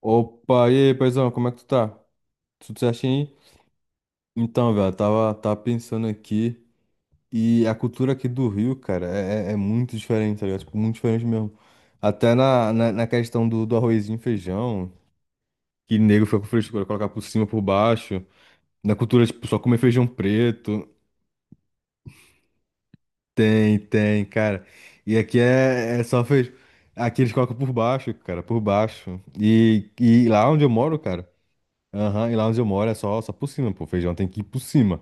Opa, e aí, paizão, como é que tu tá? Tudo certinho? Aí? Então, velho, tava pensando aqui e a cultura aqui do Rio, cara, é muito diferente, tá ligado? Tipo, muito diferente mesmo. Até na questão do arrozinho e feijão, que nego fica com frescura, colocar por cima, por baixo. Na cultura, tipo, só comer feijão preto. Tem, tem, cara. E aqui é só feijão. Aqui eles colocam por baixo, cara, por baixo. E lá onde eu moro, cara. Aham, e lá onde eu moro é só por cima, pô. Feijão tem que ir por cima.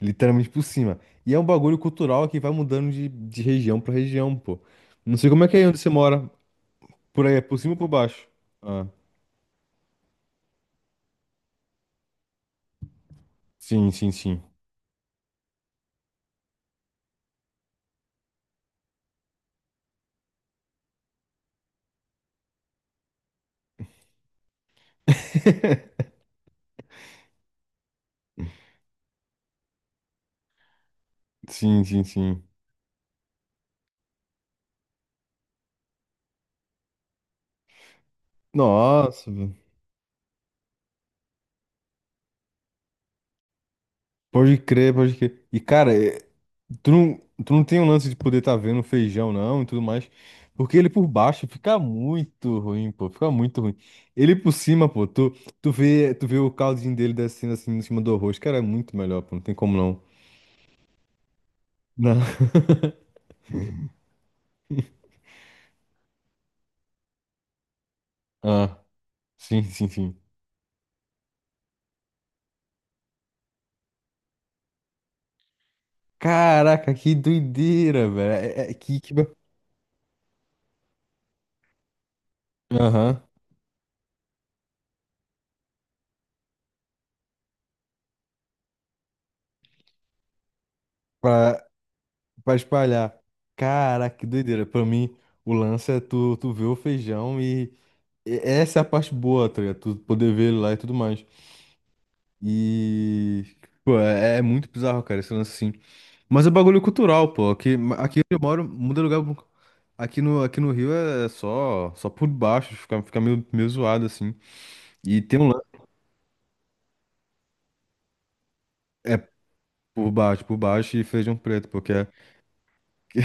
Literalmente por cima. E é um bagulho cultural que vai mudando de região pra região, pô. Não sei como é que é onde você mora. Por aí, é por cima ou por baixo? Ah, sim, sim, sim. Sim, sim, sim. Nossa, velho. Pode crer, pode crer. E, cara, tu não, tu não tem um lance de poder estar vendo feijão, não, e tudo mais. Porque ele por baixo fica muito ruim, pô. Fica muito ruim. Ele por cima, pô, tu vê, tu vê o caldinho dele descendo assim em cima do arroz. Cara, é muito melhor, pô. Não tem como não. Não. Ah. Sim, sim, sim. Caraca, que doideira, velho. Aham. Pra, pra espalhar. Caraca, que doideira. Pra mim, o lance é tu ver o feijão e essa é a parte boa, tá ligado? Tu poder ver ele lá e tudo mais. E... Pô, é muito bizarro, cara, esse lance assim. Mas é bagulho cultural, pô. Aqui onde eu moro, muda lugar. Aqui no Rio é só por baixo, fica meio zoado, assim. E tem um lance... É por baixo e feijão preto, porque...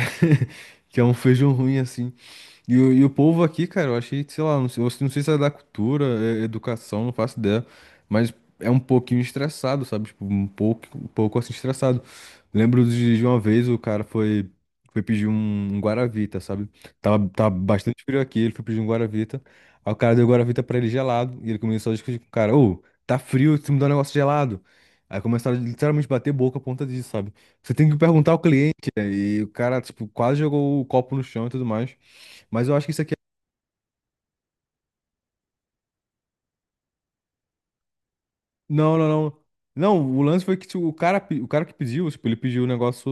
que é um feijão ruim assim. E o povo aqui, cara, eu achei, sei lá, não sei, eu não sei se é da cultura, é educação, não faço ideia, mas é um pouquinho estressado, sabe? Tipo, um pouco assim estressado. Lembro de uma vez o cara foi pedir um Guaravita, sabe? Tava bastante frio aqui, ele foi pedir um Guaravita. Aí o cara deu o Guaravita pra ele gelado, e ele começou a discutir com o cara: Ô, tá frio, você me dá um negócio gelado. Aí começaram a literalmente bater boca por conta disso, sabe? Você tem que perguntar ao cliente, né? E o cara, tipo, quase jogou o copo no chão e tudo mais. Mas eu acho que isso aqui. Não, não, não. Não, o lance foi que tipo, o cara, o cara que pediu, tipo, ele pediu o negócio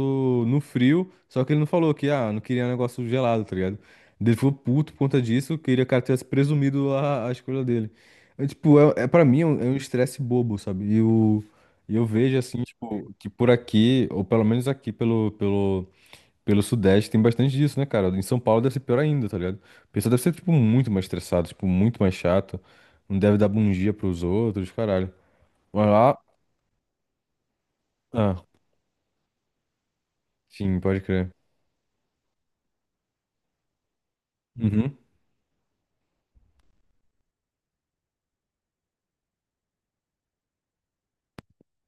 no frio, só que ele não falou que, ah, não queria um negócio gelado, tá ligado? Ele ficou puto por conta disso, queria que o cara tivesse presumido a escolha dele. É, tipo, é pra mim é um estresse bobo, sabe? E eu vejo assim, tipo, que por aqui, ou pelo menos aqui pelo Sudeste tem bastante disso, né, cara? Em São Paulo deve ser pior ainda, tá ligado? O pessoal deve ser, tipo, muito mais estressado, tipo, muito mais chato. Não deve dar bom dia pros outros, caralho. Mas lá. Ah, sim, pode crer. Uhum.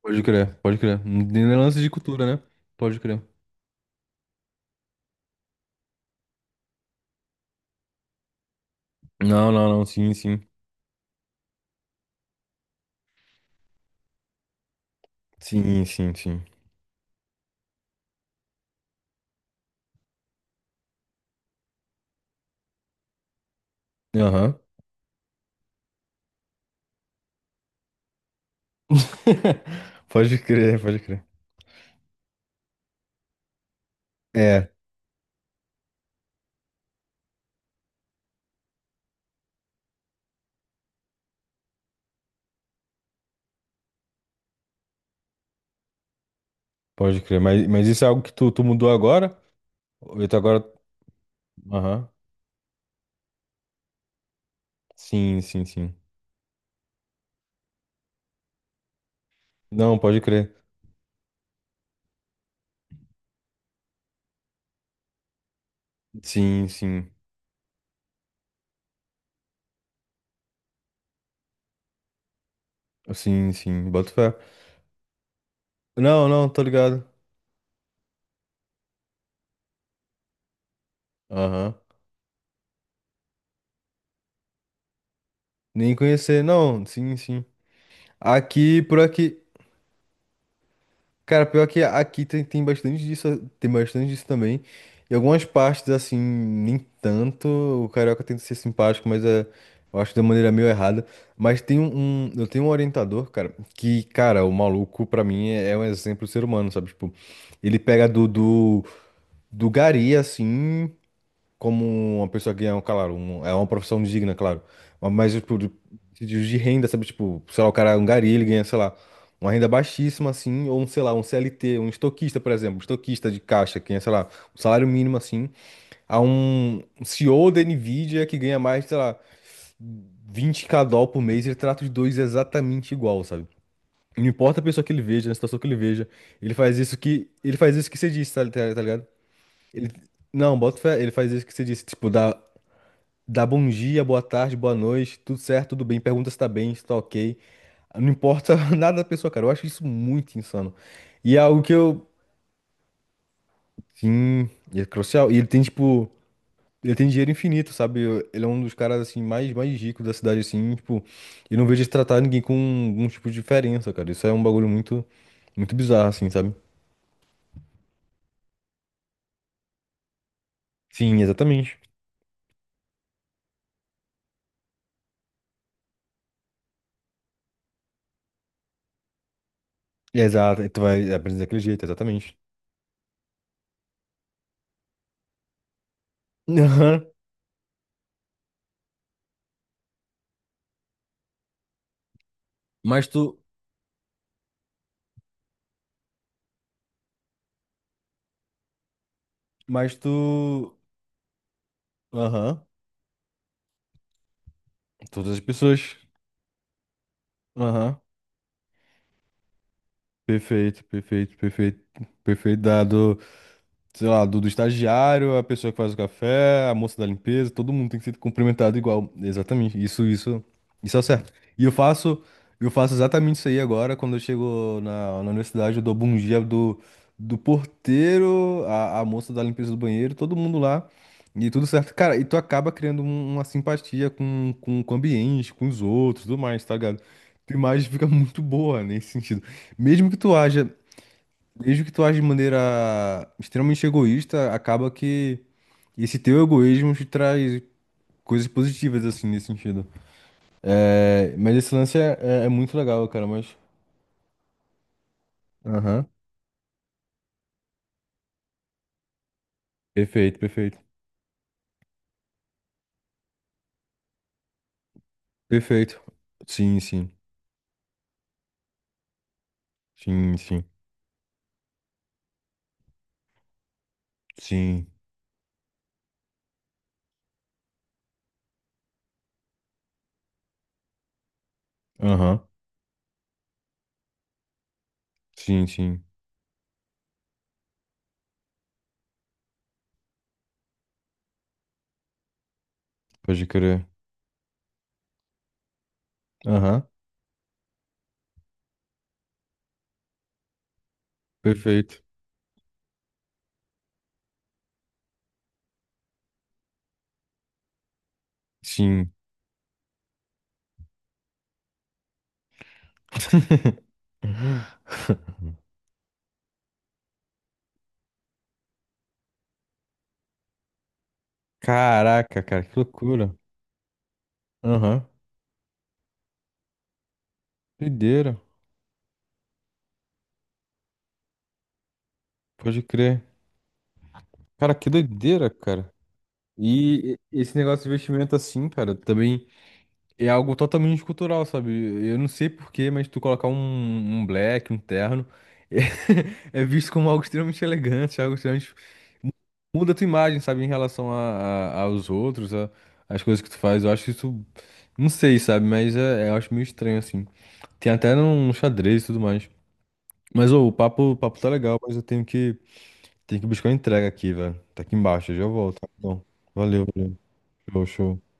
Pode crer, pode crer. Não tem nem lance de cultura, né? Pode crer. Não, não, não, sim, sim. Sim, sim, sim. Aham. Pode crer, pode crer. É, pode crer. Mas isso é algo que tu mudou agora? Ou tu agora. Aham. Sim, sim, sim. Não, pode crer. Sim, sim. Sim, sim, boto fé. Não, não, tô ligado. Aham. Nem conhecer, não, sim, sim. Aqui, por aqui. Cara, pior que aqui tem bastante disso, tem bastante disso também. Em algumas partes, assim, nem tanto. O carioca tenta ser simpático, mas eu acho de uma maneira meio errada. Mas tem eu tenho um orientador, cara, que, cara, o maluco, pra mim, é um exemplo de ser humano, sabe? Tipo, ele pega do gari, assim. Como uma pessoa ganha, claro, é uma profissão digna, claro. Mas, tipo, de renda, sabe? Tipo, sei lá, o cara é um gari, ele ganha, sei lá, uma renda baixíssima, assim, ou um, sei lá, um CLT, um estoquista, por exemplo, um estoquista de caixa, que ganha, sei lá, um salário mínimo, assim, a um CEO da Nvidia que ganha mais, sei lá, 20K dólar por mês, ele trata os dois exatamente igual, sabe? Não importa a pessoa que ele veja, a situação que ele veja, ele faz isso que você disse, tá ligado? Ele- não, bota fé, ele faz isso que você disse, tipo, Dá bom dia, boa tarde, boa noite, tudo certo, tudo bem, pergunta se tá bem, se tá ok. Não importa nada da pessoa, cara. Eu acho isso muito insano. E é algo que eu. Sim, é crucial. E ele tem, tipo. Ele tem dinheiro infinito, sabe? Ele é um dos caras, assim, mais ricos da cidade, assim, tipo. E não vejo ele tratar ninguém com algum tipo de diferença, cara. Isso é um bagulho muito. Muito bizarro, assim, sabe? Sim, exatamente. Exato. E tu vai aprender daquele jeito, exatamente. Aham. Mas tu. Mas tu. Aham. Todas as pessoas. Aham. Perfeito, perfeito, perfeito, perfeito dado sei lá, do estagiário, a pessoa que faz o café, a moça da limpeza, todo mundo tem que ser cumprimentado igual. Exatamente. Isso, isso é certo. E eu faço exatamente isso aí agora, quando eu chego na universidade, eu dou bom dia do porteiro, a moça da limpeza do banheiro, todo mundo lá. E tudo certo. Cara, e tu acaba criando uma simpatia com o ambiente, com os outros, tudo mais, tá ligado? Tua imagem fica muito boa nesse sentido. Mesmo que tu haja Desde que tu age de maneira extremamente egoísta, acaba que esse teu egoísmo te traz coisas positivas, assim, nesse sentido. É, mas esse lance é muito legal, cara, mas... Aham. Perfeito, perfeito. Perfeito. Sim, sim. Sim, sim. Sim. Aham. Sim, sim. Pode crer. Aham. Perfeito. Sim. Caraca, cara, que loucura. Aham. Doideira. Pode crer. Cara, que doideira, cara. E esse negócio de investimento assim, cara, também é algo totalmente cultural, sabe? Eu não sei porquê, mas tu colocar um black, um terno, é visto como algo extremamente elegante, algo extremamente... Muda a tua imagem, sabe, em relação aos outros, às coisas que tu faz. Eu acho isso, não sei, sabe, mas eu acho meio estranho, assim. Tem até no xadrez e tudo mais. Mas, ô, o papo tá legal, mas eu tenho que buscar uma entrega aqui, velho. Tá aqui embaixo, eu já volto. Então, valeu, valeu. Show, show.